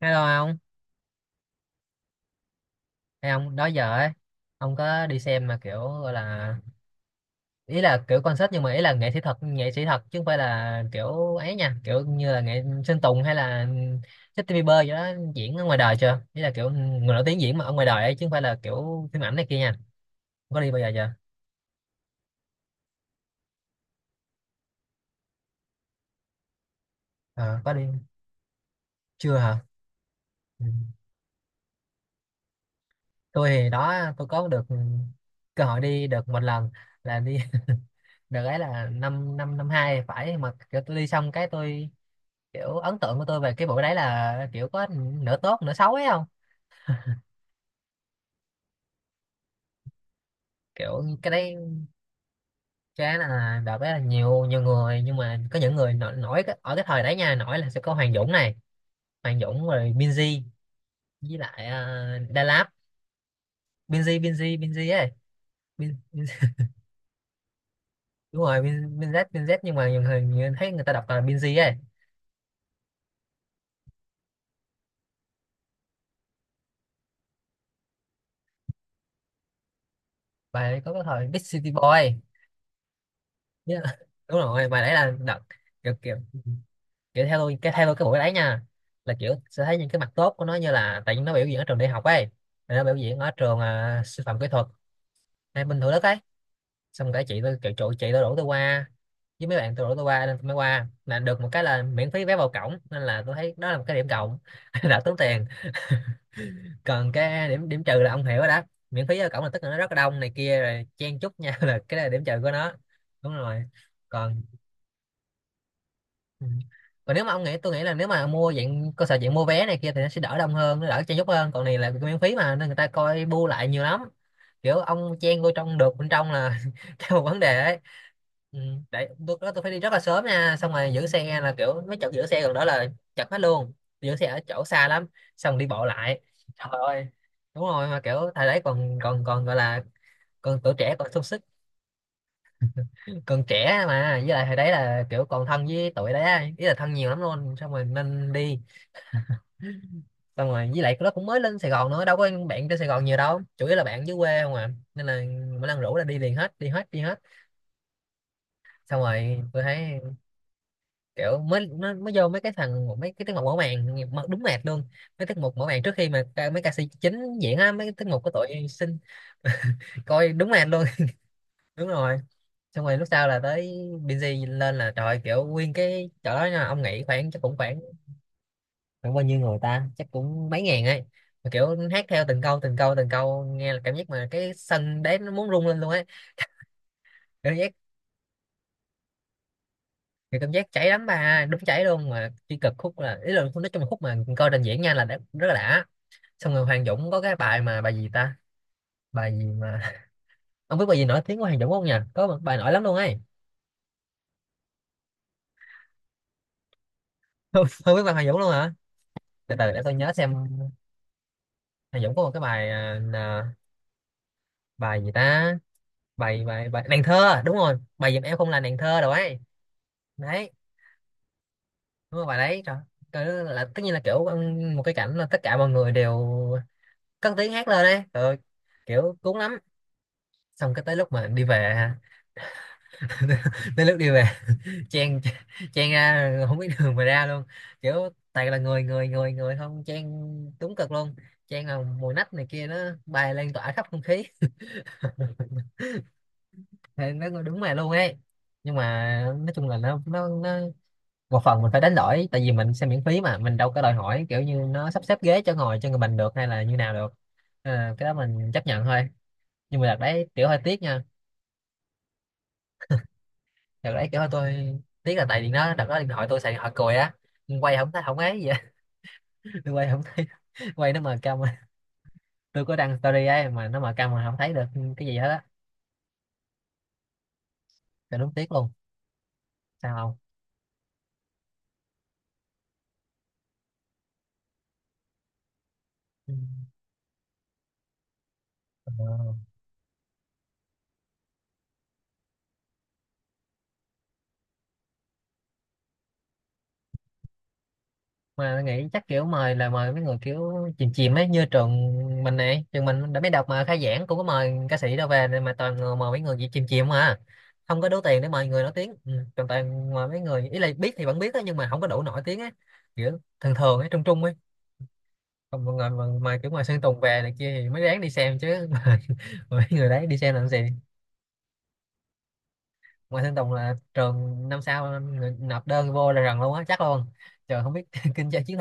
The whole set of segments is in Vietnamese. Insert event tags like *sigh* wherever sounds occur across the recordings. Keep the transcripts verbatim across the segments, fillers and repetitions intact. Hello ông, hay ông đó giờ ấy, ông có đi xem mà kiểu gọi là ý là kiểu concert, nhưng mà ý là nghệ sĩ thật, nghệ sĩ thật, chứ không phải là kiểu ấy nha, kiểu như là nghệ Sơn Tùng hay là Justin Bieber vậy đó, diễn ở ngoài đời chưa? Ý là kiểu người nổi tiếng diễn mà ở ngoài đời ấy, chứ không phải là kiểu phim ảnh này kia nha. Ông có đi bao giờ chưa? Ờ, có đi chưa hả? Ừ. Tôi thì đó, tôi có được cơ hội đi được một lần, là đi *laughs* đợt ấy là năm năm năm hai, phải mà kiểu tôi đi xong cái tôi kiểu ấn tượng của tôi về cái bộ đấy là kiểu có nửa tốt nửa xấu ấy không. Kiểu cái đấy cái là đợt đấy là nhiều nhiều người, nhưng mà có những người nổi, nổi cái- ở cái thời đấy nha, nổi là sẽ có Hoàng Dũng này, Hoàng Dũng rồi Binz, với lại uh, Đà Lạt. Binz Binz Binz ấy, Bin, đúng rồi Bin, Binz Binz, nhưng mà nhiều người, người thấy người ta đọc là Binz ấy. Bài đấy có cái thời Big City Boy. Nhớ- *laughs* đúng rồi, bài đấy là đợt kiểu, kiểu, kiểu theo tôi cái theo tôi cái buổi đấy nha, là kiểu sẽ thấy những cái mặt tốt của nó, như là tại vì nó biểu diễn ở trường đại học ấy. Rồi nó biểu diễn ở trường à, sư phạm kỹ thuật hay bình thường đất ấy. Xong cả chị tôi kiểu trụ, chị tôi rủ tôi qua với mấy bạn, tôi rủ tôi qua, nên tôi mới qua, là được một cái là miễn phí vé vào cổng, nên là tôi thấy đó là một cái điểm cộng. *laughs* Đã tốn tiền *laughs* còn cái điểm điểm trừ là ông hiểu rồi đó, miễn phí vào cổng là tức là nó rất là đông này kia, rồi chen chúc nhau *laughs* là cái đó là điểm trừ của nó. Đúng rồi. Còn, ừ, còn nếu mà ông nghĩ, tôi nghĩ là nếu mà mua dạng cơ sở, dạng mua vé này kia, thì nó sẽ đỡ đông hơn, nó đỡ chen chúc hơn, còn này là miễn phí mà, nên người ta coi bu lại nhiều lắm. Kiểu ông chen vô trong được bên trong là *laughs* cái một vấn đề ấy. Ừ. Đấy, tôi đó, tôi phải đi rất là sớm nha, xong rồi giữ xe là kiểu mấy chỗ giữ xe gần đó là chật hết luôn, giữ xe ở chỗ xa lắm, xong đi bộ lại. Trời ơi, đúng rồi, mà kiểu thời đấy còn còn còn gọi là còn tuổi trẻ, còn sung sức, còn trẻ mà. Với lại hồi đấy là kiểu còn thân với tụi đấy á, ý là thân nhiều lắm luôn, xong rồi nên đi. Xong rồi với lại nó cũng mới lên Sài Gòn nữa, đâu có bạn trên Sài Gòn nhiều đâu, chủ yếu là bạn dưới quê không à, nên là mỗi lần rủ là đi liền, hết đi hết đi hết. Xong rồi tôi thấy kiểu mới, nó mới vô mấy cái thằng, mấy cái tiết mục mở màn, nghe- mở- đúng mệt luôn. Mấy tiết mục mở màn trước khi mà ca- mấy ca sĩ chính diễn á, mấy cái tiết mục của tụi xin, coi đúng mệt luôn. *laughs* Đúng rồi. Xong rồi lúc sau là tới Binz lên, là trời, kiểu nguyên cái chỗ đó nha, ông nghĩ khoảng chắc cũng khoảng, khoảng bao nhiêu người, ta chắc cũng mấy ngàn ấy, mà kiểu hát theo từng câu từng câu từng câu, nghe là cảm giác mà cái sân đấy nó muốn rung lên luôn ấy, cảm giác thì cảm giác cháy lắm bà, đúng cháy luôn. Mà chỉ cực khúc là, ý là nói chung là khúc mà coi trình diễn nha, là đã, rất là đã. Xong rồi Hoàng Dũng có cái bài mà bài gì ta, bài gì mà, ông biết bài gì nổi tiếng của Hoàng Dũng không nhỉ, có một bài nổi lắm luôn ấy. *laughs* Không, biết bài Hoàng Dũng luôn hả. Từ từ để tôi nhớ xem, Hoàng Dũng có một cái bài à, là- bài gì ta, bài bài bài nàng thơ, đúng rồi bài giùm em không là nàng thơ rồi ấy. Đấy, đúng rồi bài đấy, trời. Trời ơi, là tất nhiên là kiểu um, một cái cảnh là tất cả mọi người đều cất tiếng hát lên đấy, rồi kiểu cuốn lắm. Xong cái tới lúc mà đi về ha, *laughs* tới lúc đi về, chen chen ra không biết đường mà ra luôn, kiểu toàn là người người người người, không chen đúng cực luôn, chen là mùi nách này kia nó bay lan tỏa khắp không khí. *laughs* Thì nó đúng mà luôn ấy, nhưng mà nói chung là nó nó nó một phần mình phải đánh đổi, tại vì mình xem miễn phí mà, mình đâu có đòi hỏi kiểu như nó sắp xếp ghế cho ngồi cho người mình được, hay là như nào được. Nên cái đó mình chấp nhận thôi, nhưng mà đợt đấy kiểu hơi tiếc nha. Đợt đấy kiểu tôi tiếc là tại vì nó, đợt đó điện thoại, tôi xài điện thoại cùi á, quay không thấy không ấy gì á. *laughs* Tôi quay không thấy, quay nó mờ câm á. Tôi có đăng story ấy mà nó mờ câm, mà không thấy được cái gì hết á. Trời đúng tiếc luôn, sao không. Ừ. Ờ. Mà mình nghĩ chắc kiểu mời là mời mấy người kiểu chìm chìm ấy, như trường mình này, trường mình đã biết đọc mà khai giảng cũng có mời ca sĩ đâu về, mà toàn người mời mấy người gì chìm chìm mà, không có đủ tiền để mời người nổi tiếng. Ừ, toàn toàn mời mấy người, ý là biết thì vẫn biết á, nhưng mà không có đủ nổi tiếng á, kiểu thường thường ấy, trung trung ấy. Còn mọi người mà, mà kiểu ngoài Sơn Tùng về này kia thì mới đáng đi xem chứ. *laughs* Mà mấy người đấy đi xem làm gì. Ngoài Sơn Tùng là trường năm sau người nộp đơn vô là rần luôn á, chắc luôn. Trời không biết, *laughs* kinh doanh chiến.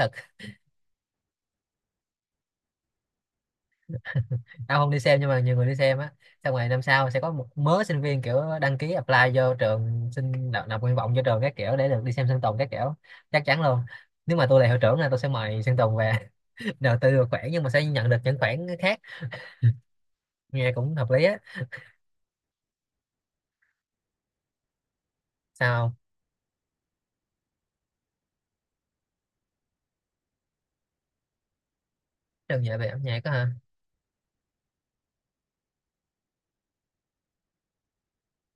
Tao không đi xem, nhưng mà nhiều người đi xem á, xong rồi năm sau sẽ có một mớ sinh viên kiểu đăng ký apply vô trường, xin nộp, nộp nguyện vọng vô trường các kiểu để được đi xem Sơn Tùng các kiểu, chắc chắn luôn. Nếu mà tôi là hiệu trưởng là tôi sẽ mời Sơn Tùng về. *laughs* Đầu tư được khoản nhưng mà sẽ nhận được những khoản khác, nghe cũng hợp lý á, sao không? Trường dạy về âm nhạc đó hả.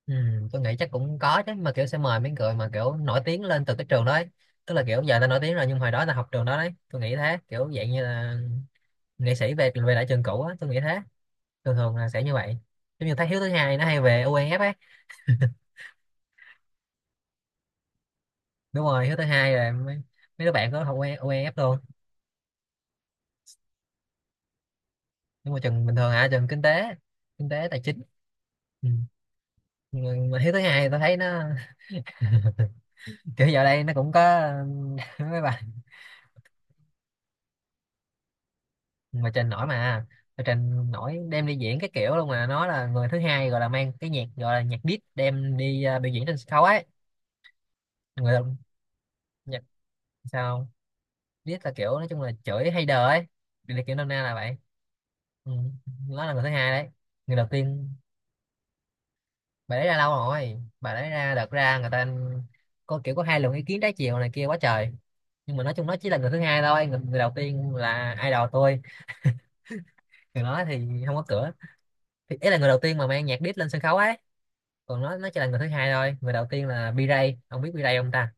Ừ, tôi nghĩ chắc cũng có chứ, mà kiểu sẽ mời mấy người mà kiểu nổi tiếng lên từ cái trường đó ấy. Tức là kiểu giờ ta nổi tiếng rồi, nhưng hồi đó ta học trường đó đấy, tôi nghĩ thế, kiểu dạng như là nghệ sĩ về về lại trường cũ á, tôi nghĩ thế. Thường thường là sẽ như vậy, giống như thấy Hiếu thứ hai nó hay về o e ép ấy. Đúng rồi Hiếu thứ hai là mấy, mấy đứa bạn có học o e ép luôn. Nhưng mà trường bình thường hả, trường kinh tế, kinh tế tài chính. Ừ. mà mà Hiếu thứ hai tôi thấy nó *laughs* kiểu giờ đây nó cũng có *laughs* mấy bài mà trình nổi, mà mà trình nổi đem đi diễn cái kiểu luôn, mà nó là người thứ hai gọi là mang cái nhạc, gọi là nhạc diss đem đi à, biểu diễn trên sân khấu ấy. Người đồng- nhạc sao. Riết là kiểu nói chung là chửi hay đờ ấy, điều này kiểu nôm na là vậy. Ừ. Nó là người thứ hai đấy. Người đầu tiên, bà đấy ra lâu rồi. Bà đấy ra đợt ra người ta có kiểu có hai luồng ý kiến trái chiều này kia quá trời, nhưng mà nói chung nó chỉ là người thứ hai thôi. Người, người đầu tiên là idol tôi, người đó thì không có cửa. Thì ý là người đầu tiên mà mang nhạc diss lên sân khấu ấy, còn nó nó chỉ là người thứ hai thôi. Người đầu tiên là B-Ray, ông biết B-Ray không ta?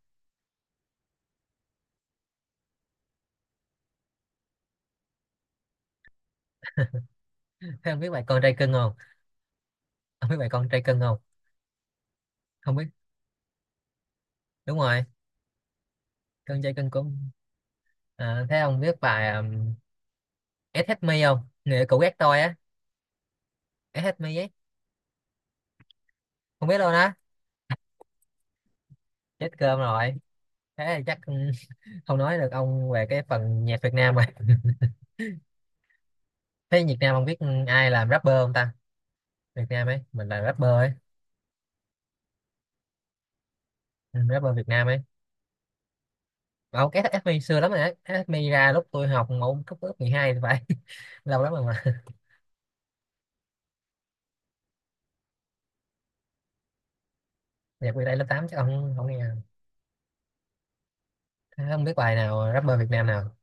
Thế ông biết bài con trai cưng không? Ông biết bài con trai cưng không? Không biết. Đúng rồi, con trai cưng cũng. À, thế ông biết bài à, ét hát Me không? Nè cũ ghét tôi á, ét hát Me ấy. Không biết luôn á? Chết cơm rồi. Thế thì chắc ừ, không nói được ông về cái phần nhạc Việt Nam rồi. Thế Việt Nam ông biết ai làm rapper không ta? Việt Nam ấy, mình là rapper ấy. Ừ, rapper Việt Nam ấy. Ông ét hát Me xưa lắm rồi đấy, ét hát Me ra lúc tôi học mẫu cấp lớp mười hai thì phải. *laughs* Lâu lắm rồi mà. Nhạc Việt đây lớp tám chắc ông không nghe. Thế không biết bài nào rapper Việt Nam nào?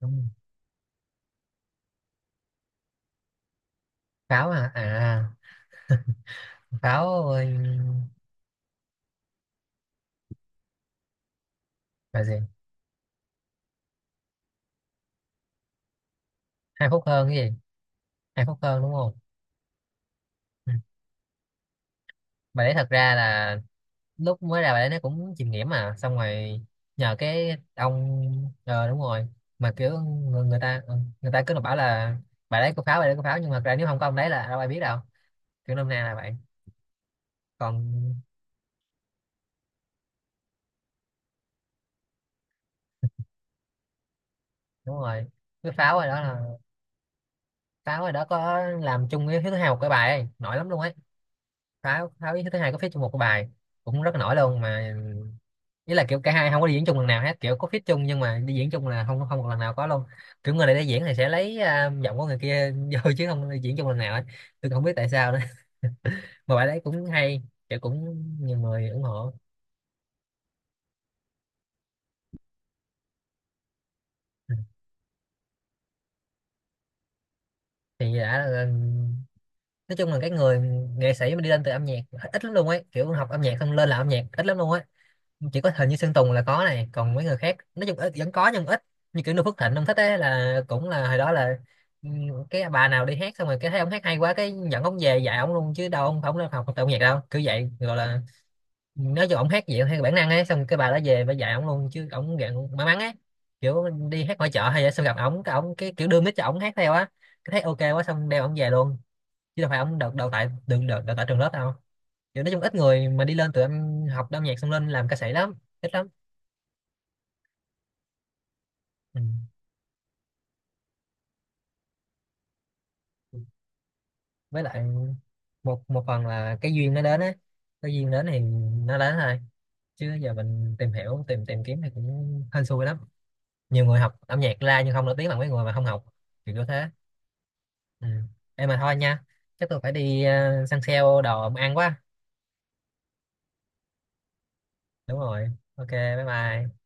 Đúng. Pháo hả à? Pháo ơi, bài gì? Hai phút hơn cái gì? Hai phút hơn đúng không? Ừ. Bài đấy thật ra là lúc mới ra bài đấy nó cũng chìm nghiệm mà, xong rồi nhờ cái ông ờ đúng rồi. Mà kiểu người, người ta ừ, người ta cứ là bảo là bài đấy có pháo, bài đấy có pháo, nhưng mà thật ra nếu không có ông đấy là đâu ai biết đâu. Kiểu nôm na là vậy. Còn đúng rồi, cái pháo rồi đó là pháo rồi đó có làm chung với thứ hai một cái bài ấy nổi lắm luôn ấy. Pháo, pháo với thứ hai có phía chung một cái bài cũng rất là nổi luôn mà. Ý là kiểu cả hai không có đi diễn chung lần nào hết, kiểu có feat chung nhưng mà đi diễn chung là không, không một lần nào có luôn. Kiểu người này đi diễn thì sẽ lấy à, giọng của người kia *laughs* vô, chứ không đi diễn chung lần nào ấy. Tôi không biết tại sao nữa. *laughs* Mà bài đấy cũng hay, kiểu cũng nhiều người ủng hộ. Ừ. thì đã là- nói chung là cái người nghệ sĩ mà đi lên từ âm nhạc ít, ít lắm luôn ấy. Kiểu học âm nhạc xong lên làm âm nhạc ít lắm luôn ấy. Chỉ có hình như Sơn Tùng là có này, còn mấy người khác nói chung ít, vẫn có nhưng ít. Như kiểu Noo Phước Thịnh ông thích ấy là cũng là hồi đó là, ừ, cái bà nào đi hát xong rồi cái thấy ông hát hay quá cái dẫn ông về dạy ông luôn, chứ đâu ông không học học tập nhạc đâu. Cứ vậy gọi là nói cho ông hát gì theo bản năng ấy, xong cái bà đó về bà dạy ông luôn, chứ ông dạng may mắn ấy. Kiểu đi hát ngoài chợ hay vậy, xong gặp ông cái ông cái kiểu đưa mic cho ông hát theo á, cái thấy ok quá xong đeo ông về luôn. Chứ đâu phải ông đào đào tại đừng đào, đào tại trường lớp đâu. Kiểu nói chung ít người mà đi lên tụi em học âm nhạc xong lên làm ca sĩ lắm. Ít lắm. Ừ. Với lại một một phần là cái duyên nó đến á. Cái duyên đến thì nó đến thôi, chứ giờ mình tìm hiểu tìm tìm kiếm thì cũng hên xui lắm. Nhiều người học âm nhạc ra nhưng không nổi tiếng bằng mấy người mà không học, kiểu như thế. Ừ. Em mà thôi nha, chắc tôi phải đi uh, săn sale đồ ăn quá. Đúng rồi, ok, bye bye.